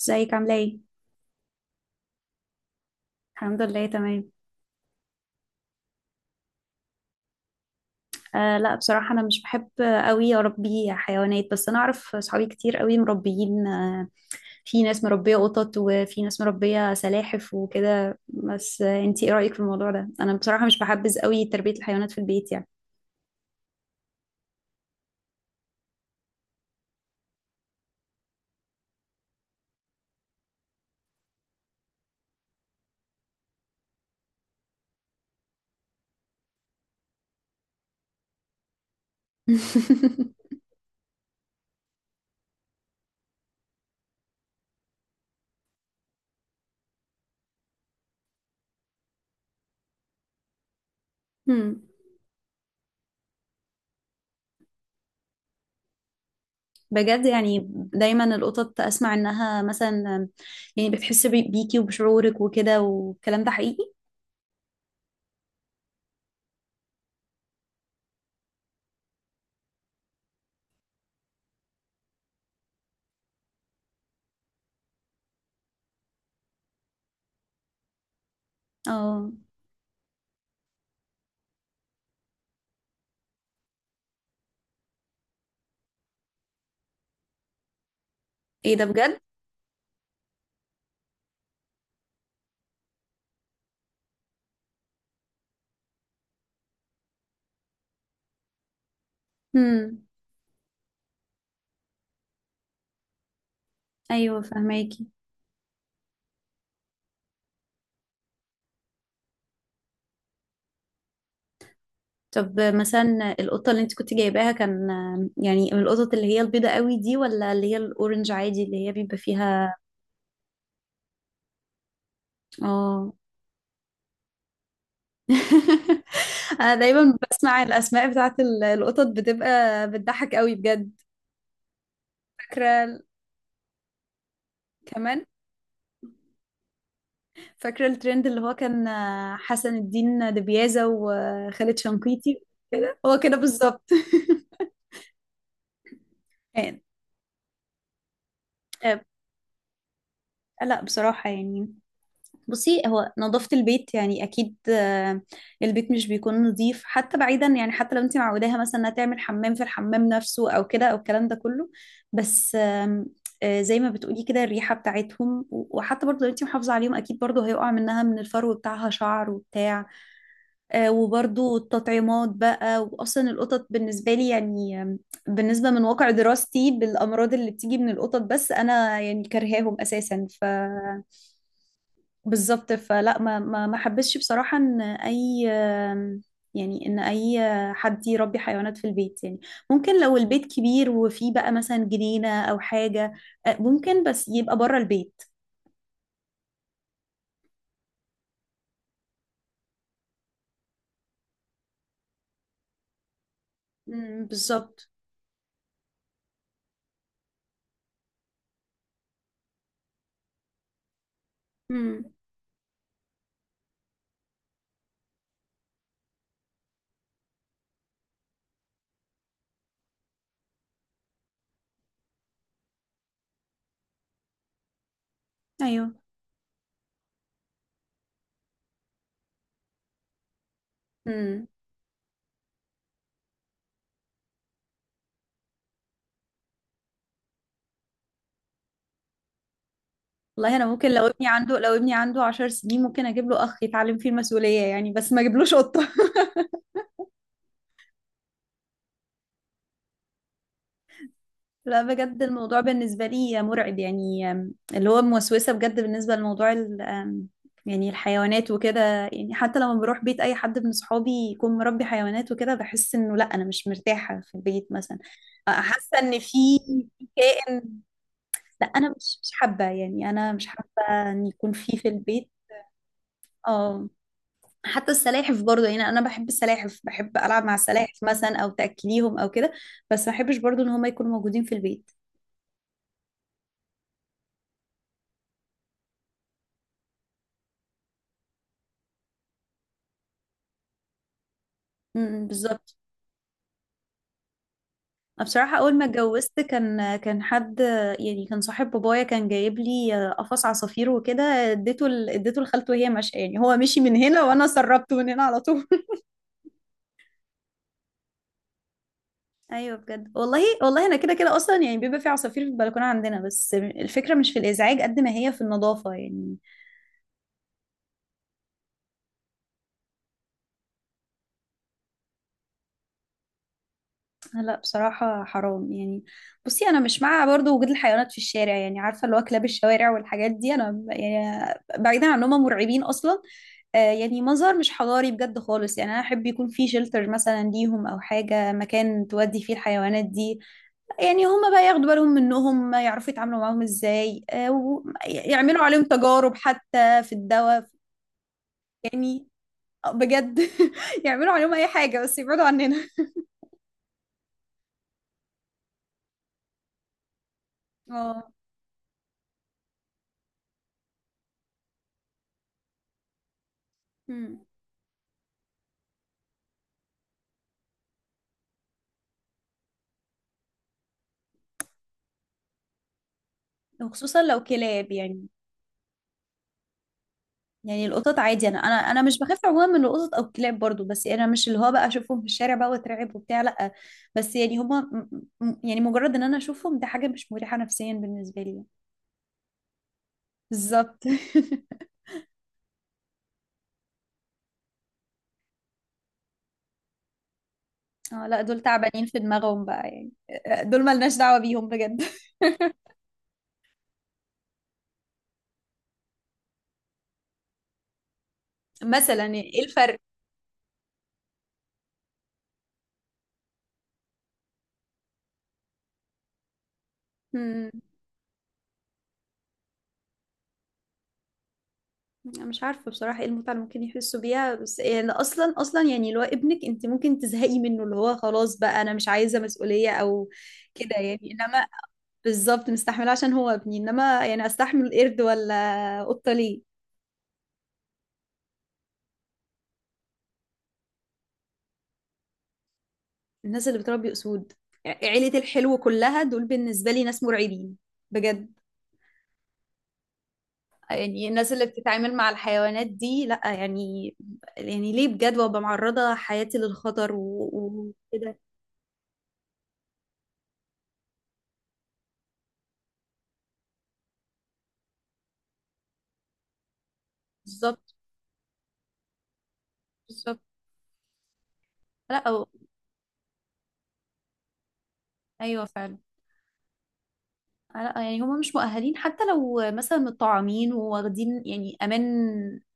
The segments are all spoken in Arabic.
ازيك عامله ايه؟ الحمد لله، تمام. آه، لا، بصراحه انا مش بحب قوي اربي حيوانات، بس انا اعرف صحابي كتير قوي مربيين. في ناس مربيه قطط، وفي ناس مربيه سلاحف وكده. بس انتي ايه رايك في الموضوع ده؟ انا بصراحه مش بحبذ قوي تربيه الحيوانات في البيت يعني. مم. بجد؟ يعني دايما القطط اسمع انها مثلا يعني بتحس بيكي وبشعورك وكده، والكلام ده حقيقي؟ اه. ايه ده بجد! امم. ايوه، فهماكي. طب مثلا القطة اللي انت كنت جايباها كان يعني من القطط اللي هي البيضة قوي دي، ولا اللي هي الأورنج عادي اللي هي بيبقى فيها؟ اه. انا دايما بسمع الاسماء بتاعت القطط بتبقى بتضحك قوي بجد. فاكرة ال- كمان، فاكرة الترند اللي هو كان حسن الدين دبيازة وخالد شنقيطي؟ كده، هو كده بالظبط. آه، لا بصراحة يعني، بصي هو نظافة البيت يعني أكيد. البيت مش بيكون نظيف، حتى بعيدا يعني حتى لو أنت معوداها مثلا إنها تعمل حمام في الحمام نفسه أو كده أو الكلام ده كله، بس زي ما بتقولي كده الريحة بتاعتهم، وحتى برضه لو أنت محافظة عليهم، أكيد برضه هيقع منها من الفرو بتاعها شعر وبتاع. وبرضه التطعيمات بقى، وأصلا القطط بالنسبة لي يعني بالنسبة من واقع دراستي بالأمراض اللي بتيجي من القطط، بس أنا يعني كرهاهم أساسا، ف بالظبط. فلا، ما حبسش بصراحة ان اي، يعني ان اي حد يربي حيوانات في البيت يعني. ممكن لو البيت كبير وفيه بقى مثلا جنينة او حاجة، ممكن، بس يبقى بره البيت. امم، بالظبط. امم. ايوه. امم. والله انا ممكن، لو ابني عنده 10 سنين، ممكن اجيب له اخ يتعلم فيه المسؤولية يعني، بس ما اجيبلوش قطة. لا بجد، الموضوع بالنسبة لي مرعب يعني. اللي هو موسوسة بجد بالنسبة لموضوع ال- أم، يعني الحيوانات وكده. يعني حتى لما بروح بيت أي حد من صحابي يكون مربي حيوانات وكده، بحس إنه لا، أنا مش مرتاحة في البيت مثلا. حاسة إن في، في كائن. لا، أنا مش حابة يعني، أنا مش حابة إن يكون في في البيت. اه. حتى السلاحف برضه، يعني أنا بحب السلاحف، بحب ألعب مع السلاحف مثلا أو تأكليهم أو كده، بس ما بحبش برضه إن هما يكونوا موجودين في البيت. م- م، بالظبط. أنا بصراحة أول ما اتجوزت كان حد، يعني كان صاحب بابايا كان جايب لي قفص عصافير وكده. اديته لخالته وهي ماشية، يعني هو مشي من هنا وأنا سربته من هنا على طول. أيوه بجد، والله والله. أنا كده كده أصلا يعني، بيبقى في عصافير في البلكونة عندنا، بس الفكرة مش في الإزعاج قد ما هي في النظافة يعني. لا بصراحة حرام يعني. بصي أنا مش مع برضو وجود الحيوانات في الشارع يعني، عارفة اللي هو كلاب الشوارع والحاجات دي، أنا يعني بعيدا عن إنهم مرعبين أصلا، يعني منظر مش حضاري بجد خالص. يعني أنا أحب يكون في شلتر مثلا ليهم، أو حاجة مكان تودي فيه الحيوانات دي، يعني هما بقى ياخدوا بالهم منهم، يعرفوا يتعاملوا معاهم إزاي، ويعملوا عليهم تجارب حتى في الدواء، يعني بجد. يعملوا عليهم أي حاجة، بس يبعدوا عننا. اه، وخصوصا لو كلاب يعني. يعني القطط عادي، انا مش بخاف عموما من القطط او الكلاب برضو، بس انا مش اللي هو بقى اشوفهم في الشارع بقى واترعب وبتاع، لا. بس يعني هما م-، يعني مجرد ان انا اشوفهم ده حاجة مش مريحة نفسيا بالنسبة لي. بالظبط. اه لا، دول تعبانين في دماغهم بقى يعني، دول ملناش دعوة بيهم بجد. مثلا ايه الفرق؟ أنا مش عارفة بصراحة ايه المتعة اللي ممكن يحسوا بيها، بس يعني اصلا اصلا يعني اللي هو ابنك انت ممكن تزهقي منه، اللي هو خلاص بقى انا مش عايزة مسؤولية او كده يعني، انما بالظبط، مستحملة عشان هو ابني. انما يعني استحمل قرد ولا قطة ليه؟ الناس اللي بتربي اسود، يعني عيلة الحلو كلها، دول بالنسبة لي ناس مرعبين بجد. يعني الناس اللي بتتعامل مع الحيوانات دي لا يعني، يعني ليه بجد؟ وابقى معرضة حياتي للخطر وكده. بالظبط. بالظبط. لا أو... ايوه فعلا. لا يعني هما مش مؤهلين، حتى لو مثلا متطعمين وواخدين يعني امان،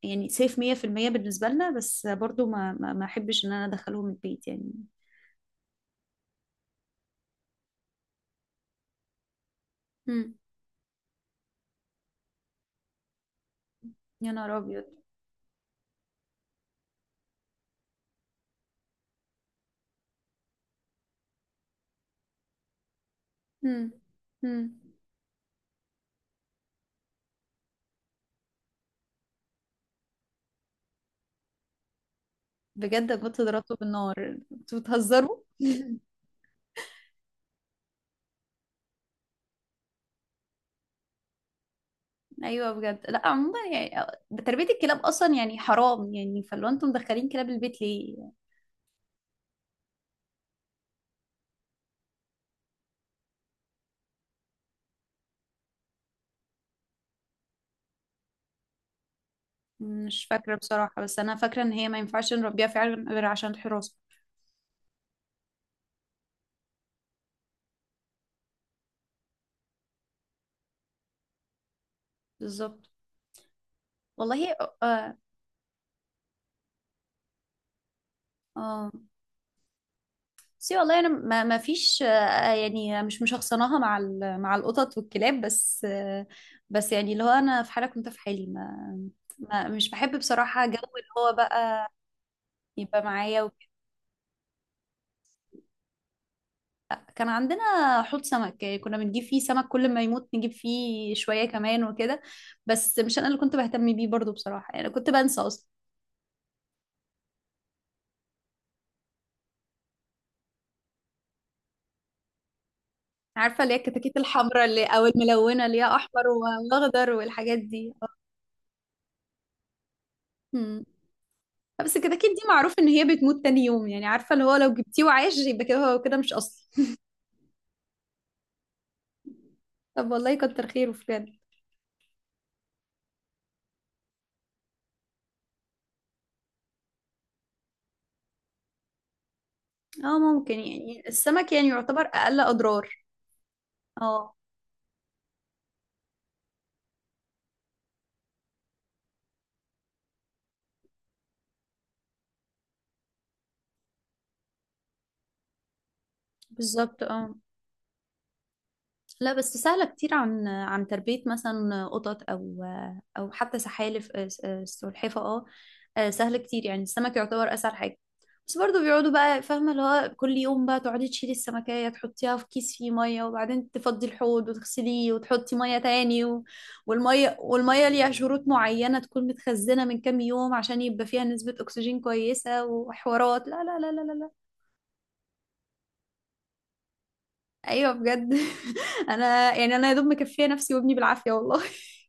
يعني سيف 100% بالنسبة لنا، بس برضو ما احبش ان انا ادخلهم البيت يعني. امم. يا نهار ابيض! امم. امم. بجد كنت ضربته بالنار، انتوا بتهزروا! ايوه بجد. لا عموما يعني، تربية الكلاب اصلا يعني حرام يعني، فلو انتم مدخلين كلاب البيت ليه؟ مش فاكرة بصراحة، بس انا فاكرة ان هي ما ينفعش نربيها فعلا غير عشان الحراسة. بالظبط. والله. اه. آه. سي والله، انا ما فيش، يعني مش مشخصناها مع مع القطط والكلاب، بس بس يعني اللي هو انا في حاله، كنت في حالي ما، مش بحب بصراحه جو اللي هو بقى يبقى معايا وكده. كان عندنا حوض سمك، يعني كنا بنجيب فيه سمك، كل ما يموت نجيب فيه شويه كمان وكده، بس مش انا اللي كنت بهتم بيه برضو بصراحه، يعني كنت بنسى اصلا. عارفه اللي هي الكتاكيت الحمراء اللي، او الملونه اللي هي احمر واخضر والحاجات دي؟ مم. بس كده كده دي معروف ان هي بتموت تاني يوم، يعني عارفه اللي هو لو جبتيه وعاش يبقى كده، هو كده مش اصلي. طب والله كتر خيره بجد. اه ممكن، يعني السمك يعني يعتبر اقل اضرار. اه. بالظبط اه. لا بس سهلة كتير، عن تربية مثلا قطط أو، أو حتى سحالف. سلحفة، اه. سهل كتير، يعني السمك يعتبر أسهل حاجة. بس برضو بيقعدوا بقى، فاهمة اللي هو كل يوم بقى تقعدي تشيلي السمكية تحطيها في كيس فيه مية، وبعدين تفضي الحوض وتغسليه وتحطي مية تاني و... والمية ليها شروط معينة، تكون متخزنة من كام يوم عشان يبقى فيها نسبة أكسجين كويسة وحوارات، لا لا لا لا لا لا. أيوة بجد. أنا يعني، أنا يا دوب مكفية نفسي وابني بالعافية والله.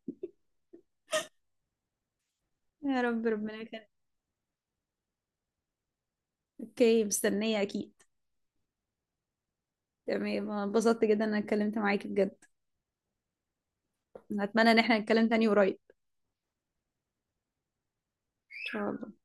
يا رب، ربنا يخليك. اوكي، مستنية اكيد. تمام. أنا اتبسطت جدا ان انا اتكلمت معاكي بجد، اتمنى ان احنا نتكلم تاني قريب ان شاء الله.